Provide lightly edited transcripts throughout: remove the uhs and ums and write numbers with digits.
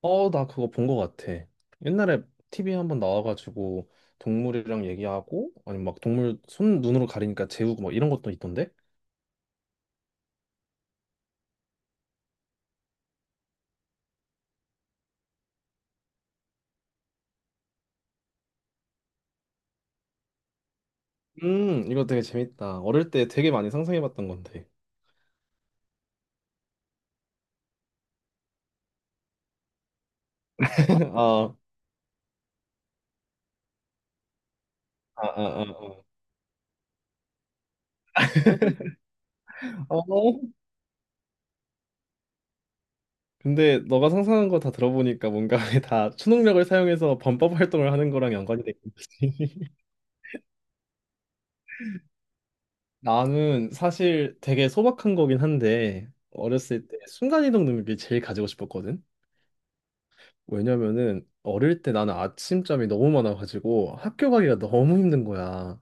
나 그거 본 거 같아. 옛날에 TV에 한 번 나와가지고 동물이랑 얘기하고 아니 막 동물 손 눈으로 가리니까 재우고 막 이런 것도 있던데? 이거 되게 재밌다. 어릴 때 되게 많이 상상해봤던 건데. 아, 아, 아, 아, 아. 어? 근데 너가 상상한 거 다 들어보니까 뭔가 다 초능력을 사용해서 범법 활동을 하는 거랑 연관이 되는 거지. 나는 사실 되게 소박한 거긴 한데 어렸을 때 순간이동 능력이 제일 가지고 싶었거든. 왜냐면은 어릴 때 나는 아침잠이 너무 많아가지고 학교 가기가 너무 힘든 거야.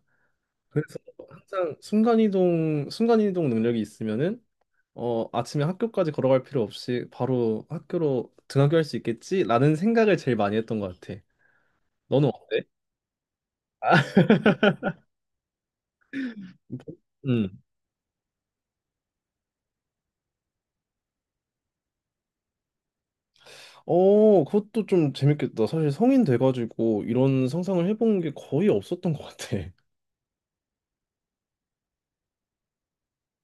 그래서 항상 순간이동 능력이 있으면은 아침에 학교까지 걸어갈 필요 없이 바로 학교로 등하교할 수 있겠지라는 생각을 제일 많이 했던 것 같아. 너는 어때? 음. 그것도 좀 재밌겠다. 사실 성인 돼가지고 이런 상상을 해본 게 거의 없었던 것 같아.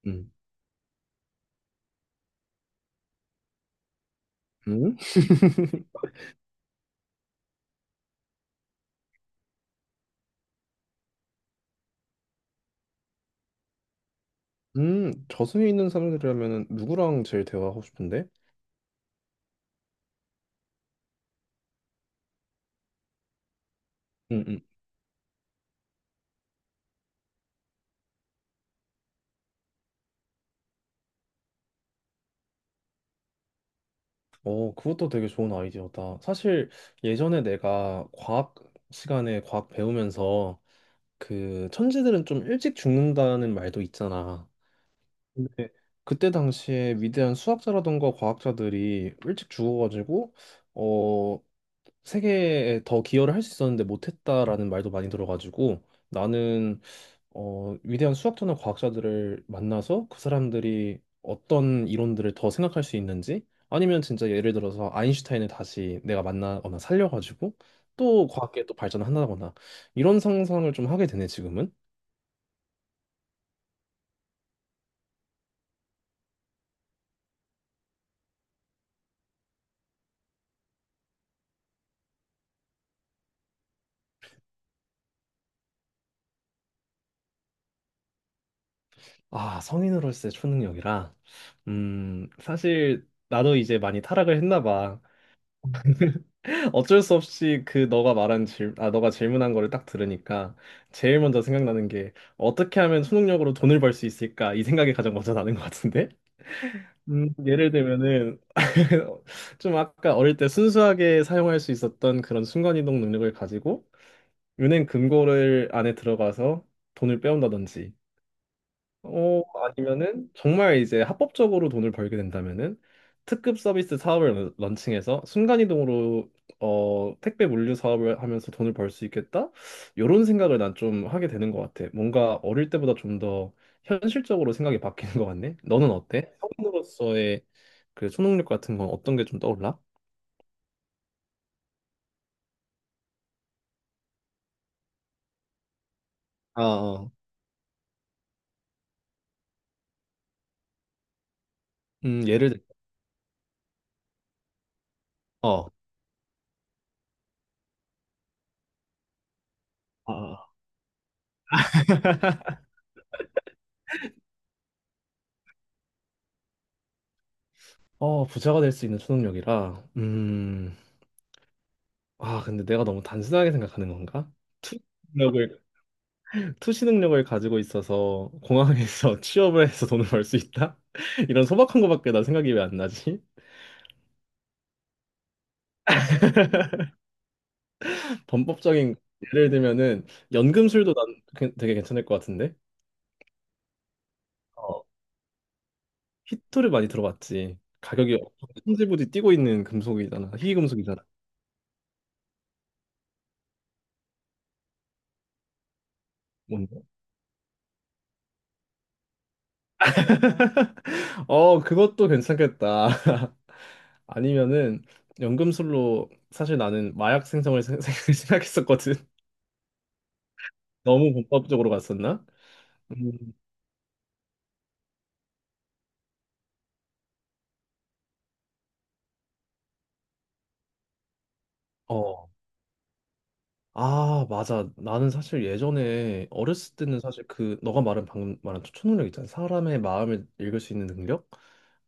음. 음? 저승에 있는 사람들이라면 누구랑 제일 대화하고 싶은데? 응응. 그것도 되게 좋은 아이디어다. 사실 예전에 내가 과학 시간에 과학 배우면서 그 천재들은 좀 일찍 죽는다는 말도 있잖아. 근데 그때 당시에 위대한 수학자라던가 과학자들이 일찍 죽어가지고 어, 세계에 더 기여를 할 수 있었는데 못했다라는 말도 많이 들어가지고 나는 위대한 수학자나 과학자들을 만나서 그 사람들이 어떤 이론들을 더 생각할 수 있는지 아니면 진짜 예를 들어서 아인슈타인을 다시 내가 만나거나 살려가지고 또 과학계 또 발전한다거나 이런 상상을 좀 하게 되네 지금은. 아, 성인으로서의 초능력이라. 사실 나도 이제 많이 타락을 했나 봐. 어쩔 수 없이 그 너가 말한 질, 아, 너가 질문한 거를 딱 들으니까 제일 먼저 생각나는 게 어떻게 하면 초능력으로 돈을 벌 수 있을까? 이 생각이 가장 먼저 나는 것 같은데? 예를 들면은 좀 아까 어릴 때 순수하게 사용할 수 있었던 그런 순간이동 능력을 가지고 은행 금고를 안에 들어가서 돈을 빼온다든지 아니면은 정말 이제 합법적으로 돈을 벌게 된다면은 특급 서비스 사업을 런칭해서 순간이동으로 택배 물류 사업을 하면서 돈을 벌 수 있겠다? 이런 생각을 난 좀 하게 되는 것 같아. 뭔가 어릴 때보다 좀 더 현실적으로 생각이 바뀌는 것 같네. 너는 어때? 성인으로서의 그 초능력 같은 건 어떤 게 좀 떠올라? 아 어, 예를 들어, 어. 어. 어, 부자가 될 수 있는 초능력이라. 음. 아, 근데 내가 너무 단순하게 생각하는 건가? 투 능력을, 투시 능력을 가지고 있어서 공항에서 취업을 해서 돈을 벌 수 있다? 이런 소박한 거밖에 나 생각이 왜 안 나지? 범법적인 예를 들면은 연금술도 난 되게 괜찮을 것 같은데? 어, 희토를 많이 들어봤지. 가격이 천지부지 뛰고 있는 금속이잖아. 희귀 금속이잖아. 그것도 괜찮겠다. 아니면은 연금술로 사실 나는 마약 생성을 생각했었거든. 너무 범법적으로 갔었나? 음. 어, 아, 맞아. 나는 사실 예전에 어렸을 때는 사실 그 너가 말한 방금 말한 초능력 있잖아. 사람의 마음을 읽을 수 있는 능력?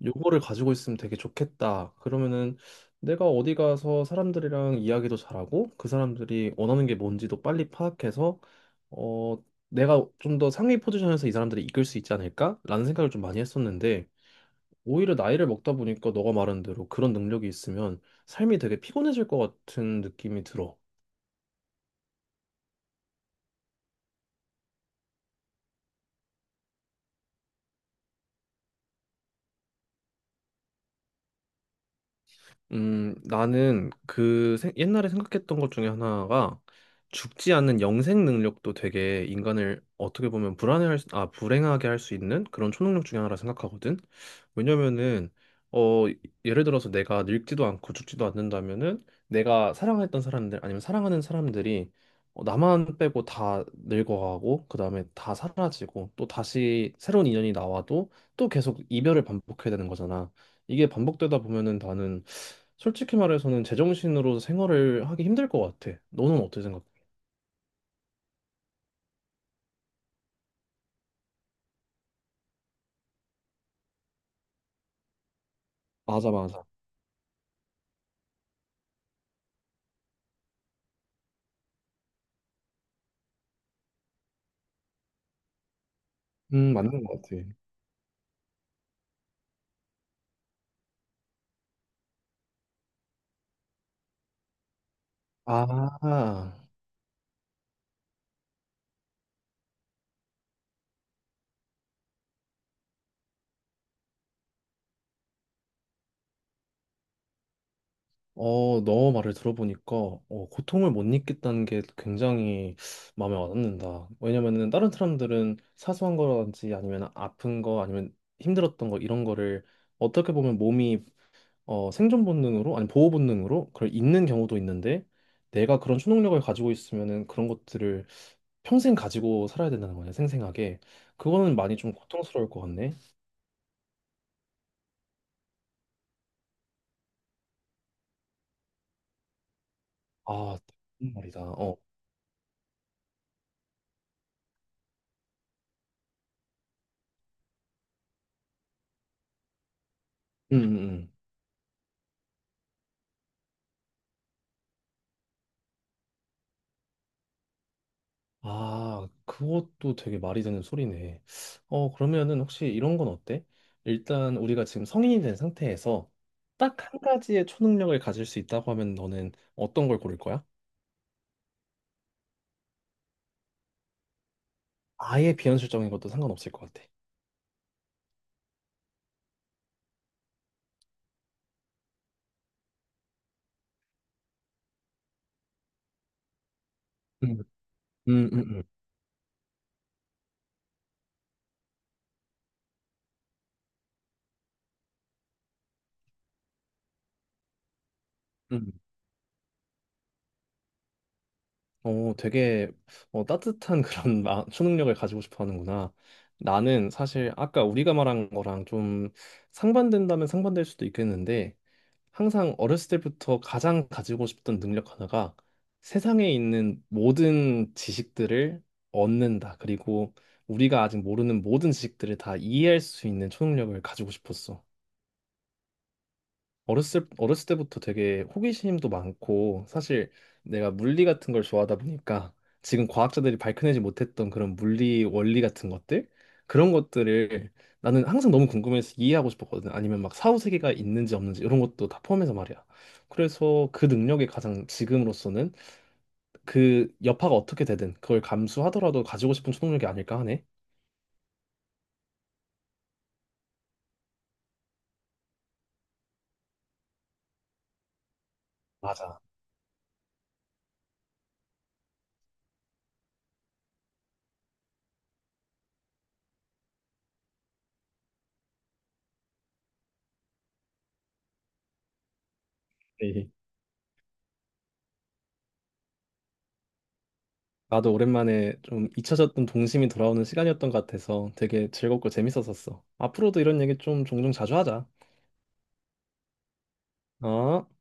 요거를 가지고 있으면 되게 좋겠다. 그러면은 내가 어디 가서 사람들이랑 이야기도 잘하고 그 사람들이 원하는 게 뭔지도 빨리 파악해서 어 내가 좀 더 상위 포지션에서 이 사람들이 이끌 수 있지 않을까? 라는 생각을 좀 많이 했었는데 오히려 나이를 먹다 보니까 너가 말한 대로 그런 능력이 있으면 삶이 되게 피곤해질 것 같은 느낌이 들어. 나는 옛날에 생각했던 것 중에 하나가 죽지 않는 영생 능력도 되게 인간을 어떻게 보면 불행하게 할 수 있는 그런 초능력 중에 하나라 생각하거든. 왜냐면은 어 예를 들어서 내가 늙지도 않고 죽지도 않는다면은 내가 사랑했던 사람들 아니면 사랑하는 사람들이 나만 빼고 다 늙어가고 그다음에 다 사라지고 또 다시 새로운 인연이 나와도 또 계속 이별을 반복해야 되는 거잖아. 이게 반복되다 보면은 나는 솔직히 말해서는 제정신으로 생활을 하기 힘들 것 같아. 너는 어떻게 생각해? 맞아, 맞아. 맞는 것 같아. 아, 너 말을 들어보니까 고통을 못 느꼈다는 게 굉장히 마음에 와닿는다. 왜냐면은 다른 사람들은 사소한 거라든지 아니면 아픈 거 아니면 힘들었던 거 이런 거를 어떻게 보면 몸이 어, 생존 본능으로 아니 보호 본능으로 그걸 잊는 경우도 있는데 내가 그런 초능력을 가지고 있으면은 그런 것들을 평생 가지고 살아야 된다는 거냐, 생생하게. 그거는 많이 좀 고통스러울 것 같네. 아, 무슨 말이다. 어. 음, 음, 음. 아, 그것도 되게 말이 되는 소리네. 어, 그러면은 혹시 이런 건 어때? 일단 우리가 지금 성인이 된 상태에서 딱 한 가지의 초능력을 가질 수 있다고 하면 너는 어떤 걸 고를 거야? 아예 비현실적인 것도 상관없을 것 같아. 음, 음, 음, 음. 음. 어, 되게 따뜻한 그런 초능력을 가지고 싶어 하는구나. 나는 사실 아까 우리가 말한 거랑 좀 상반된다면 상반될 수도 있겠는데 항상 어렸을 때부터 가장 가지고 싶던 능력 하나가 세상에 있는 모든 지식들을 얻는다. 그리고 우리가 아직 모르는 모든 지식들을 다 이해할 수 있는 초능력을 가지고 싶었어. 어렸을 때부터 되게 호기심도 많고, 사실 내가 물리 같은 걸 좋아하다 보니까 지금 과학자들이 밝혀내지 못했던 그런 물리 원리 같은 것들? 그런 것들을 나는 항상 너무 궁금해서 이해하고 싶었거든. 아니면 막 사후세계가 있는지 없는지 이런 것도 다 포함해서 말이야. 그래서 그 능력이 가장 지금으로서는 그 여파가 어떻게 되든 그걸 감수하더라도 가지고 싶은 초능력이 아닐까 하네. 맞아. 나도 오랜만에 좀 잊혀졌던 동심이 돌아오는 시간이었던 것 같아서 되게 즐겁고 재밌었었어. 앞으로도 이런 얘기 좀 종종 자주 하자. 어?